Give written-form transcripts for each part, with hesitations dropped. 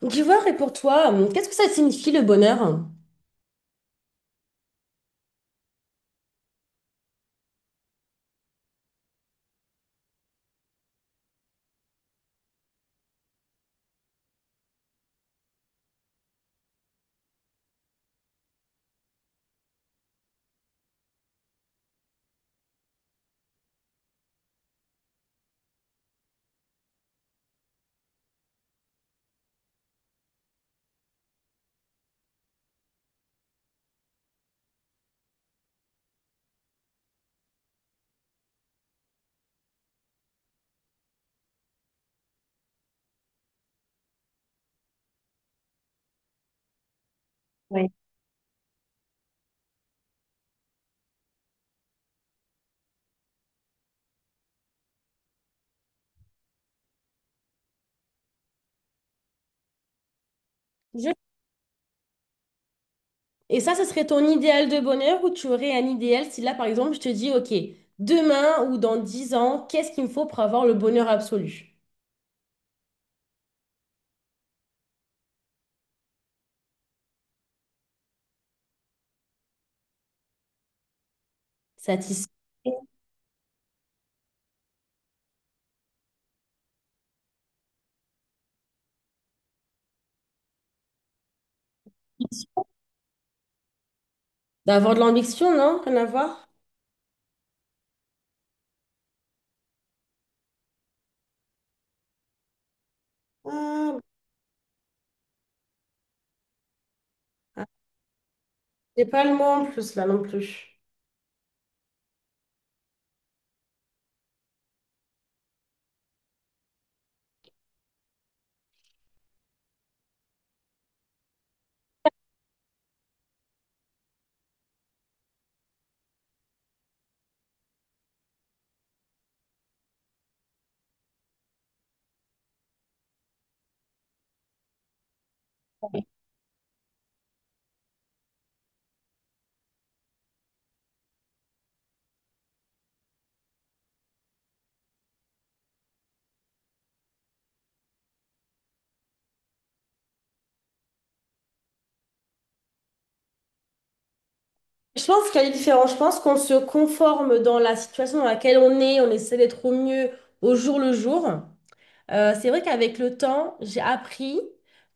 D'ivoire, et pour toi, qu'est-ce que ça signifie le bonheur? Je- Et ça, ce serait ton idéal de bonheur ou tu aurais un idéal si là, par exemple, je te dis, OK, demain ou dans 10 ans, qu'est-ce qu'il me faut pour avoir le bonheur absolu? Satisfait. D'avoir de l'ambition, non? Rien à voir? Ah, ah, j'ai pas le mot en plus là non plus. Je pense qu'il y a des différences. Je pense qu'on se conforme dans la situation dans laquelle on est, on essaie d'être au mieux au jour le jour. C'est vrai qu'avec le temps, j'ai appris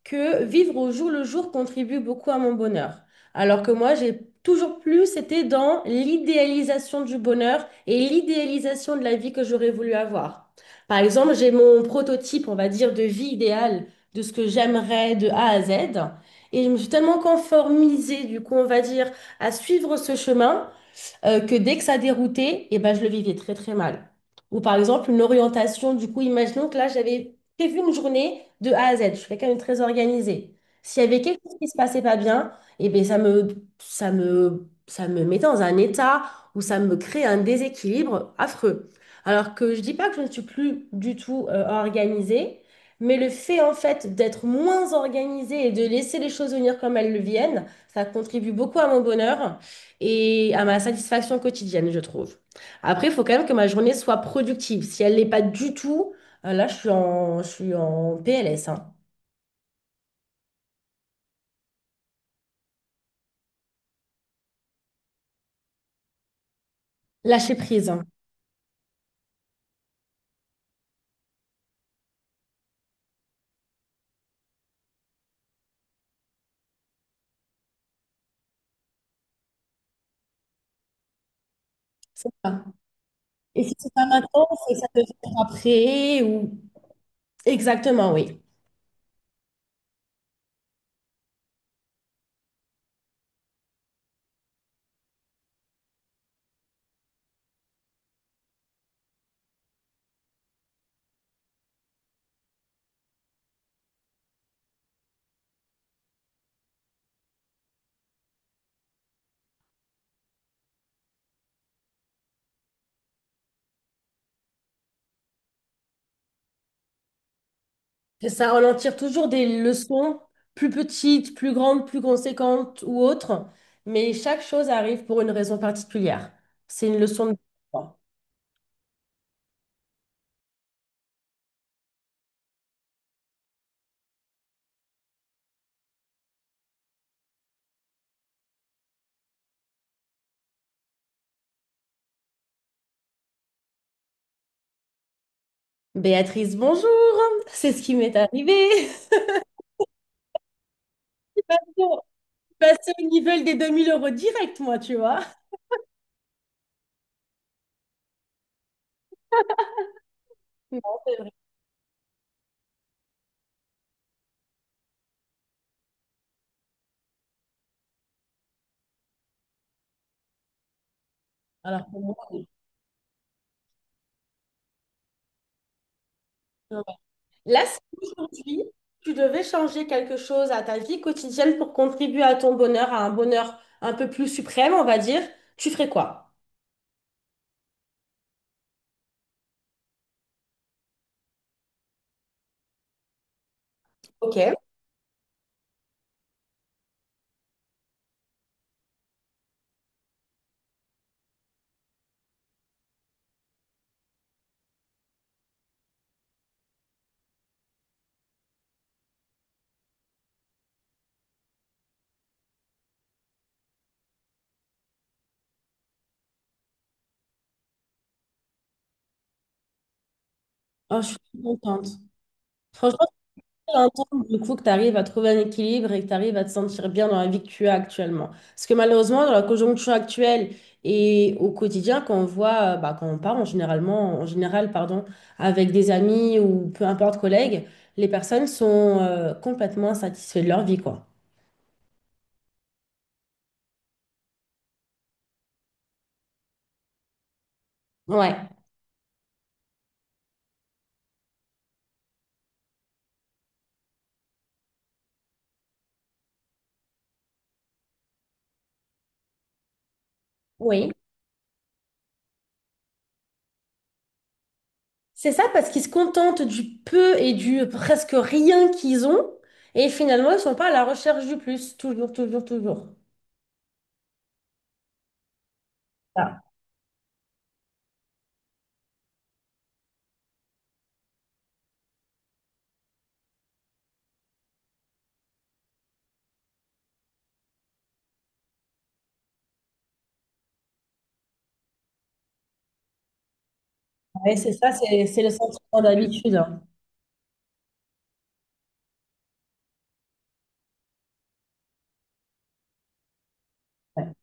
que vivre au jour le jour contribue beaucoup à mon bonheur. Alors que moi, j'ai toujours plus été dans l'idéalisation du bonheur et l'idéalisation de la vie que j'aurais voulu avoir. Par exemple, j'ai mon prototype, on va dire, de vie idéale, de ce que j'aimerais de A à Z. Et je me suis tellement conformisée, du coup, on va dire, à suivre ce chemin que dès que ça déroutait, et ben, je le vivais très très mal. Ou par exemple, une orientation, du coup, imaginons que là, j'avais prévu une journée de A à Z, je suis quelqu'un de très organisé. S'il y avait quelque chose qui se passait pas bien, et ben, ça me mettait dans un état où ça me crée un déséquilibre affreux. Alors que je dis pas que je ne suis plus du tout organisée, mais le fait en fait d'être moins organisée et de laisser les choses venir comme elles le viennent, ça contribue beaucoup à mon bonheur et à ma satisfaction quotidienne, je trouve. Après, il faut quand même que ma journée soit productive. Si elle l'est pas du tout, là, je suis en PLS, hein. Lâcher prise, hein. C'est ça. Et si c'est pas maintenant, c'est que ça peut être après ou... Exactement, oui. C'est ça, on en tire toujours des leçons plus petites, plus grandes, plus conséquentes ou autres, mais chaque chose arrive pour une raison particulière. C'est une leçon de... Béatrice, bonjour. C'est ce qui m'est arrivé. Bon, passer au niveau des 2 000 euros direct, moi, tu vois. Non, c'est vrai. Alors, pour moi, ouais. Là, si aujourd'hui, tu devais changer quelque chose à ta vie quotidienne pour contribuer à ton bonheur, à un bonheur un peu plus suprême, on va dire, tu ferais quoi? Ok. Oh, je suis contente. Franchement, un temps, du coup, que tu arrives à trouver un équilibre et que tu arrives à te sentir bien dans la vie que tu as actuellement. Parce que malheureusement, dans la conjoncture actuelle et au quotidien, quand on voit, bah, quand on part en généralement, en général, pardon, avec des amis ou peu importe collègues, les personnes sont complètement insatisfaites de leur vie, quoi. Ouais, oui. C'est ça parce qu'ils se contentent du peu et du presque rien qu'ils ont et finalement, ils ne sont pas à la recherche du plus, toujours, toujours, toujours. Ah, ouais, c'est ça, c'est le sentiment d'habitude, hein. Ouais.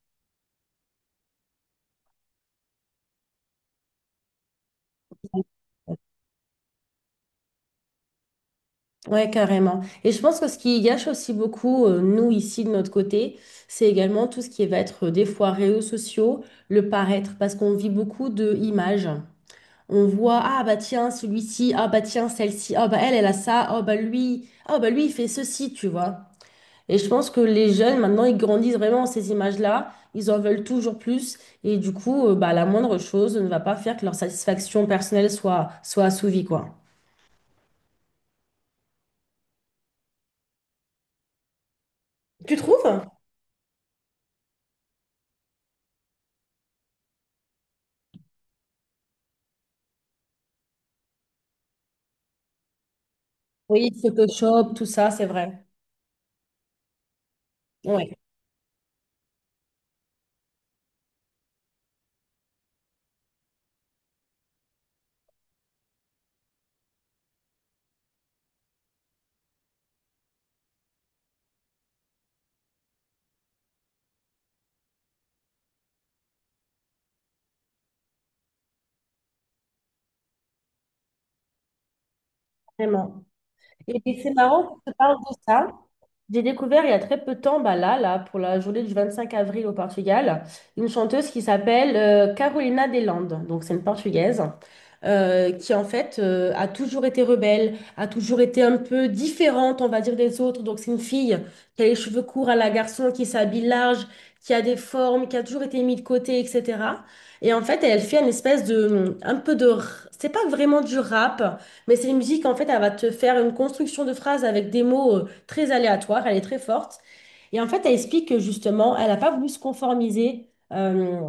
Ouais, carrément. Et je pense que ce qui gâche aussi beaucoup, nous, ici, de notre côté, c'est également tout ce qui va être des fois réseaux sociaux, le paraître, parce qu'on vit beaucoup de images. On voit, ah bah tiens, celui-ci, ah bah tiens, celle-ci, ah bah elle, elle a ça, ah bah lui, il fait ceci, tu vois. Et je pense que les jeunes, maintenant, ils grandissent vraiment en ces images-là, ils en veulent toujours plus, et du coup, bah, la moindre chose ne va pas faire que leur satisfaction personnelle soit, soit assouvie, quoi. Tu trouves? Oui, Photoshop, tout ça, c'est vrai. Oui, vraiment. Et c'est marrant que tu parles de ça. J'ai découvert il y a très peu de temps, bah là, là, pour la journée du 25 avril au Portugal, une chanteuse qui s'appelle Carolina des Landes. Donc, c'est une Portugaise qui, en fait, a toujours été rebelle, a toujours été un peu différente, on va dire, des autres. Donc, c'est une fille qui a les cheveux courts à la garçon, qui s'habille large, qui a des formes, qui a toujours été mise de côté, etc. Et en fait, elle fait une espèce de, un peu de, c'est pas vraiment du rap, mais c'est une musique, en fait, elle va te faire une construction de phrases avec des mots, très aléatoire, elle est très forte. Et en fait, elle explique que justement, elle n'a pas voulu se conformiser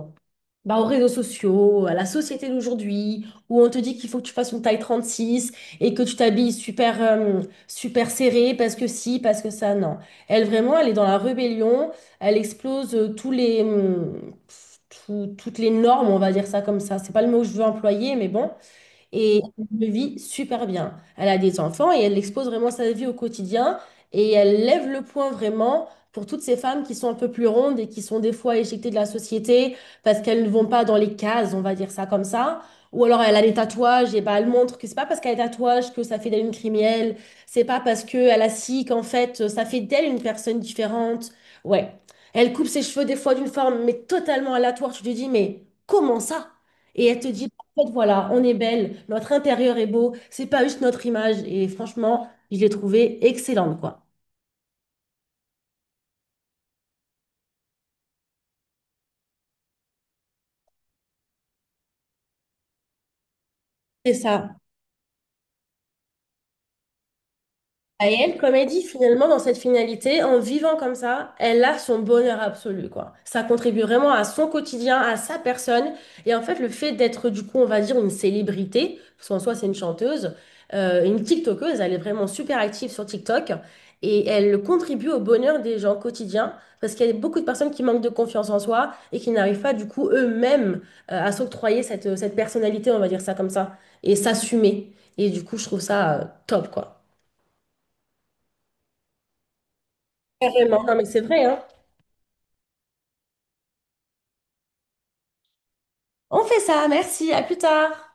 bah, aux réseaux sociaux, à la société d'aujourd'hui, où on te dit qu'il faut que tu fasses une taille 36 et que tu t'habilles super, super serré parce que si, parce que ça, non. Elle, vraiment, elle est dans la rébellion, elle explose toutes les normes, on va dire ça comme ça. C'est pas le mot que je veux employer, mais bon. Et elle le vit super bien. Elle a des enfants et elle expose vraiment sa vie au quotidien. Et elle lève le point vraiment pour toutes ces femmes qui sont un peu plus rondes et qui sont des fois éjectées de la société parce qu'elles ne vont pas dans les cases, on va dire ça comme ça. Ou alors elle a des tatouages et bah elle montre que c'est pas parce qu'elle a des tatouages que ça fait d'elle une criminelle. C'est pas parce qu'elle a ci qu'en fait ça fait d'elle une personne différente. Ouais. Elle coupe ses cheveux des fois d'une forme mais totalement aléatoire. Tu te dis mais comment ça? Et elle te dit en fait, voilà, on est belle, notre intérieur est beau, c'est pas juste notre image. Et franchement, je l'ai trouvée excellente, quoi. C'est ça. Et elle, comme elle dit, finalement, dans cette finalité, en vivant comme ça, elle a son bonheur absolu, quoi. Ça contribue vraiment à son quotidien, à sa personne. Et en fait, le fait d'être, du coup, on va dire une célébrité, parce qu'en soi, c'est une chanteuse, une TikTokeuse, elle est vraiment super active sur TikTok. Et elle contribue au bonheur des gens quotidiens, parce qu'il y a beaucoup de personnes qui manquent de confiance en soi et qui n'arrivent pas, du coup, eux-mêmes, à s'octroyer cette, cette personnalité, on va dire ça comme ça, et s'assumer. Et du coup, je trouve ça, top, quoi. Carrément, non mais c'est vrai, hein. On fait ça, merci, à plus tard.